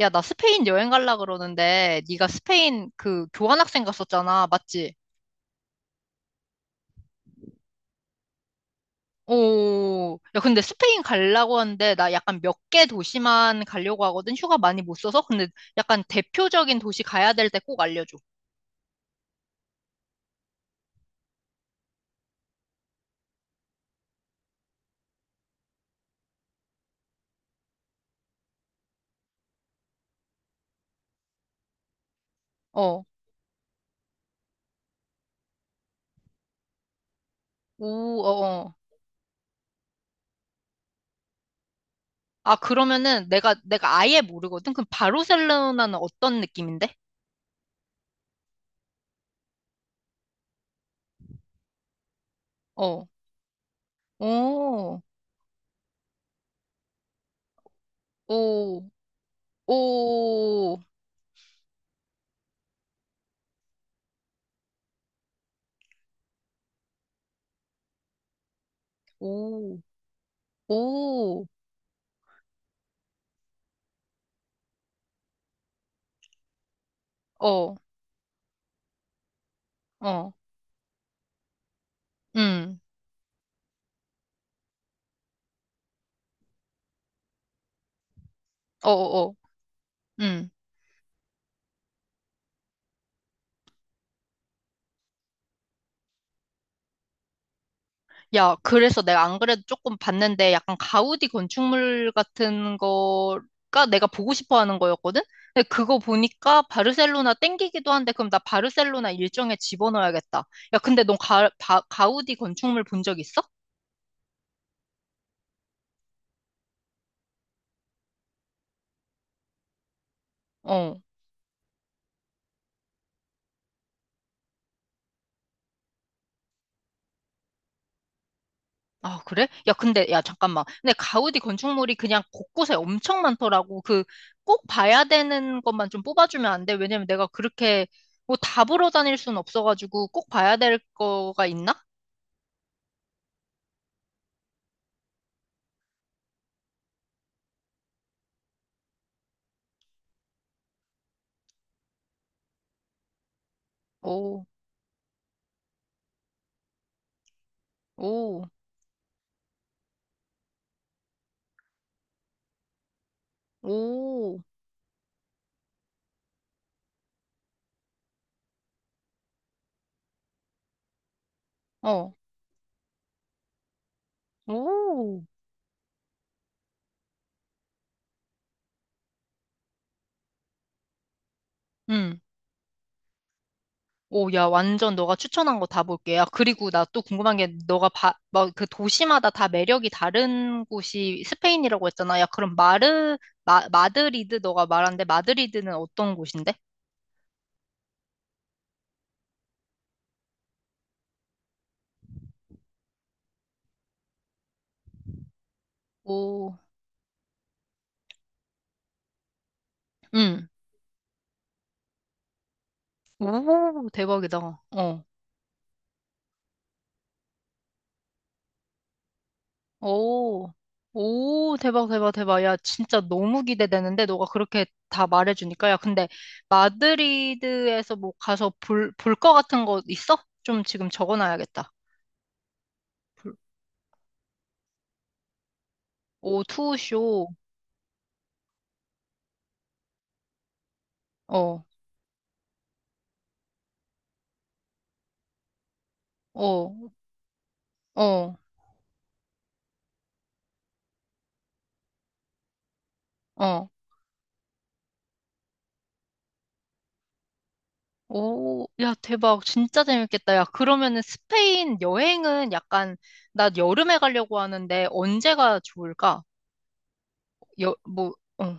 야, 나 스페인 여행 갈라 그러는데 네가 스페인 그 교환학생 갔었잖아. 맞지? 오. 야, 근데 스페인 가려고 하는데 나 약간 몇 개 도시만 가려고 하거든. 휴가 많이 못 써서. 근데 약간 대표적인 도시 가야 될 때 꼭 알려줘. 어. 오, 어, 어. 아, 그러면은 내가 아예 모르거든. 그럼 바르셀로나는 어떤 느낌인데? 어. 오. 오. 오. 오. 오. 어. 어. 음. 어, 어, 어. 음. 야, 그래서 내가 안 그래도 조금 봤는데 약간 가우디 건축물 같은 거가 내가 보고 싶어 하는 거였거든? 근데 그거 보니까 바르셀로나 땡기기도 한데 그럼 나 바르셀로나 일정에 집어넣어야겠다. 야, 근데 넌 가, 가우디 건축물 본 적 있어? 어. 아, 그래? 야, 근데, 야, 잠깐만. 근데 가우디 건축물이 그냥 곳곳에 엄청 많더라고. 그, 꼭 봐야 되는 것만 좀 뽑아주면 안 돼? 왜냐면 내가 그렇게, 뭐, 다 보러 다닐 순 없어가지고 꼭 봐야 될 거가 있나? 오. 오, 오, 어, 오, 응. 오, 야, 완전 너가 추천한 거 다 볼게. 야, 그리고 나 또 궁금한 게, 너가 막 그 도시마다 다 매력이 다른 곳이 스페인이라고 했잖아. 야, 그럼 마드리드, 너가 말한데, 마드리드는 어떤 곳인데? 오, 응. 오, 대박이다. 어. 오, 오, 대박, 대박, 대박. 야, 진짜 너무 기대되는데, 너가 그렇게 다 말해주니까. 야, 근데 마드리드에서 뭐 가서 볼 거 같은 거 있어? 좀 지금 적어놔야겠다. 불- 오, 투쇼 어, 어, 어, 어. 오, 야, 대박. 진짜 재밌겠다. 야, 그러면은 스페인 여행은 약간, 나 여름에 가려고 하는데, 언제가 좋을까? 여, 뭐, 어.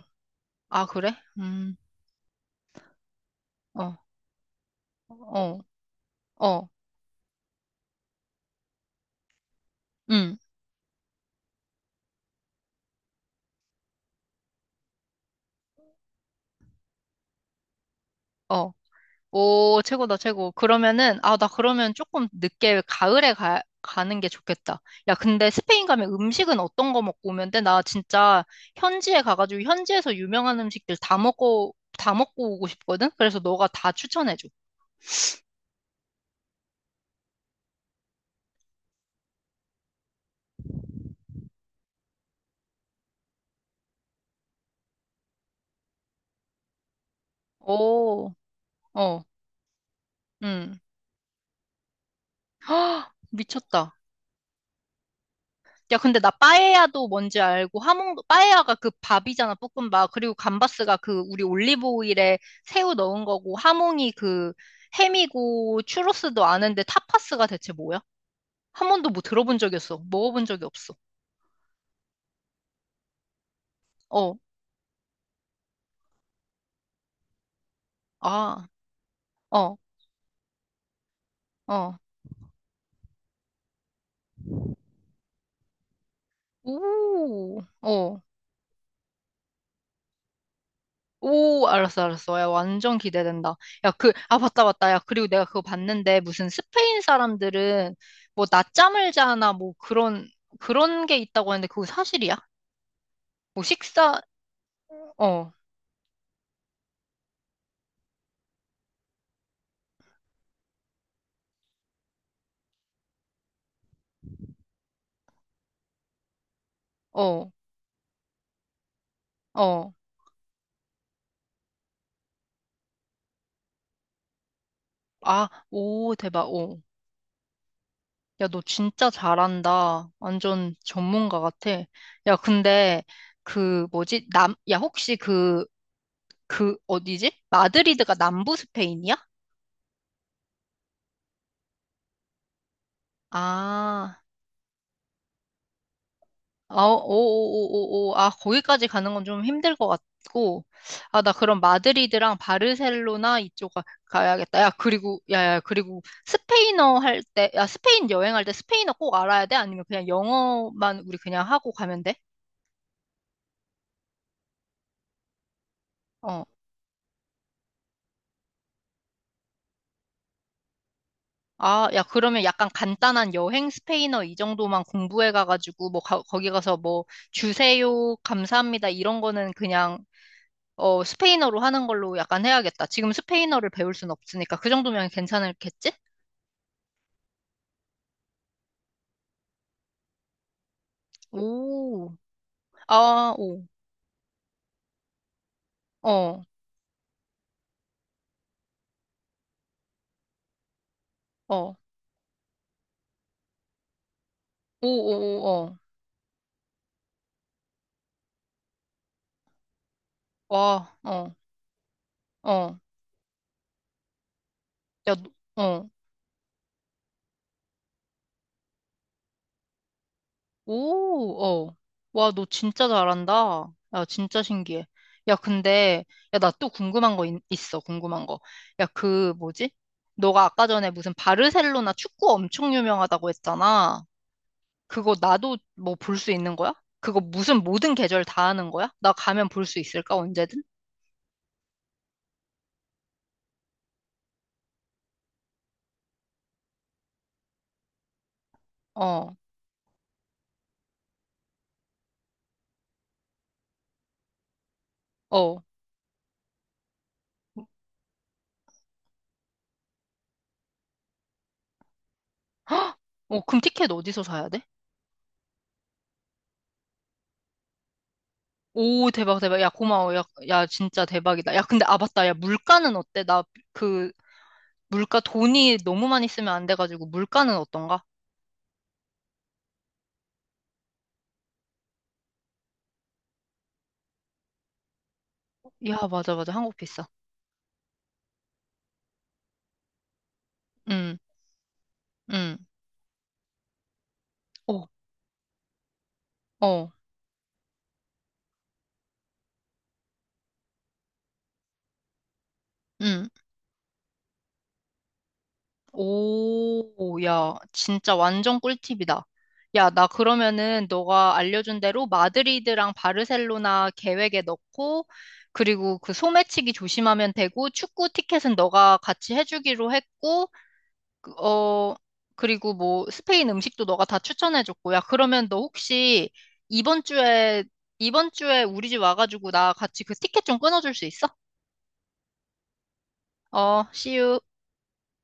아, 그래? 어, 어, 어, 음. 어. 오, 최고다, 최고. 그러면은, 아, 나 그러면 조금 늦게 가을에 가는 게 좋겠다. 야, 근데 스페인 가면 음식은 어떤 거 먹고 오면 돼? 나 진짜 현지에 가가지고 현지에서 유명한 음식들 다 먹고, 다 먹고 오고 싶거든? 그래서 너가 다 추천해줘. 오, 어, 응. 미쳤다. 야, 근데 나 빠에야도 뭔지 알고 하몽도 빠에야가 그 밥이잖아, 볶음밥. 그리고 감바스가 그 우리 올리브 오일에 새우 넣은 거고 하몽이 그 햄이고 추로스도 아는데 타파스가 대체 뭐야? 한 번도 뭐 들어본 적이 없어. 먹어본 적이 없어. 어, 아, 어, 어. 오, 어. 오, 알았어, 알았어. 야, 완전 기대된다. 야, 그, 아, 맞다, 맞다. 야, 그리고 내가 그거 봤는데, 무슨 스페인 사람들은 뭐 낮잠을 자나 뭐 그런, 그런 게 있다고 하는데, 그거 사실이야? 뭐 식사, 어, 어, 어. 아, 오, 대박, 오. 야, 너 진짜 잘한다. 완전 전문가 같아. 야, 근데, 그, 뭐지? 남, 야, 혹시 그, 그, 어디지? 마드리드가 남부 스페인이야? 아. 아, 오오오오오. 아, 거기까지 가는 건 좀 힘들 것 같고. 아, 나 그럼 마드리드랑 바르셀로나 이쪽 가야겠다. 야, 그리고, 야, 야, 그리고 스페인어 할 때, 야, 스페인 여행할 때 스페인어 꼭 알아야 돼? 아니면 그냥 영어만 우리 그냥 하고 가면 돼? 어. 아, 야, 그러면 약간 간단한 여행 스페인어 이 정도만 공부해 가가지고, 뭐, 거기 가서 뭐, 주세요, 감사합니다, 이런 거는 그냥 어, 스페인어로 하는 걸로 약간 해야겠다. 지금 스페인어를 배울 순 없으니까 그 정도면 괜찮겠지? 오, 아, 오, 어, 어, 오, 오, 오, 어, 와, 어, 어, 야, 너- 어, 오, 어, 와, 너 진짜 잘한다. 야, 진짜 신기해. 야, 근데, 야, 나 또 궁금한 거 있어, 궁금한 거. 야, 그, 뭐지? 너가 아까 전에 무슨 바르셀로나 축구 엄청 유명하다고 했잖아. 그거 나도 뭐 볼 수 있는 거야? 그거 무슨 모든 계절 다 하는 거야? 나 가면 볼 수 있을까? 언제든? 어, 어. 헉! 어, 그럼 티켓 어디서 사야 돼? 오, 대박, 대박. 야, 고마워. 야, 야, 진짜 대박이다. 야, 근데, 아, 맞다. 야, 물가는 어때? 나, 그, 물가 돈이 너무 많이 쓰면 안 돼가지고, 물가는 어떤가? 야, 맞아, 맞아. 한국 비싸. 응, 응. 어, 어. 응. 오, 야, 진짜 완전 꿀팁이다. 야, 나 그러면은 너가 알려준 대로 마드리드랑 바르셀로나 계획에 넣고, 그리고 그 소매치기 조심하면 되고, 축구 티켓은 너가 같이 해주기로 했고, 그, 어, 그리고 뭐 스페인 음식도 너가 다 추천해줬고, 야, 그러면 너 혹시 이번 주에, 이번 주에 우리 집 와가지고 나 같이 그 티켓 좀 끊어줄 수 있어? 어, see you.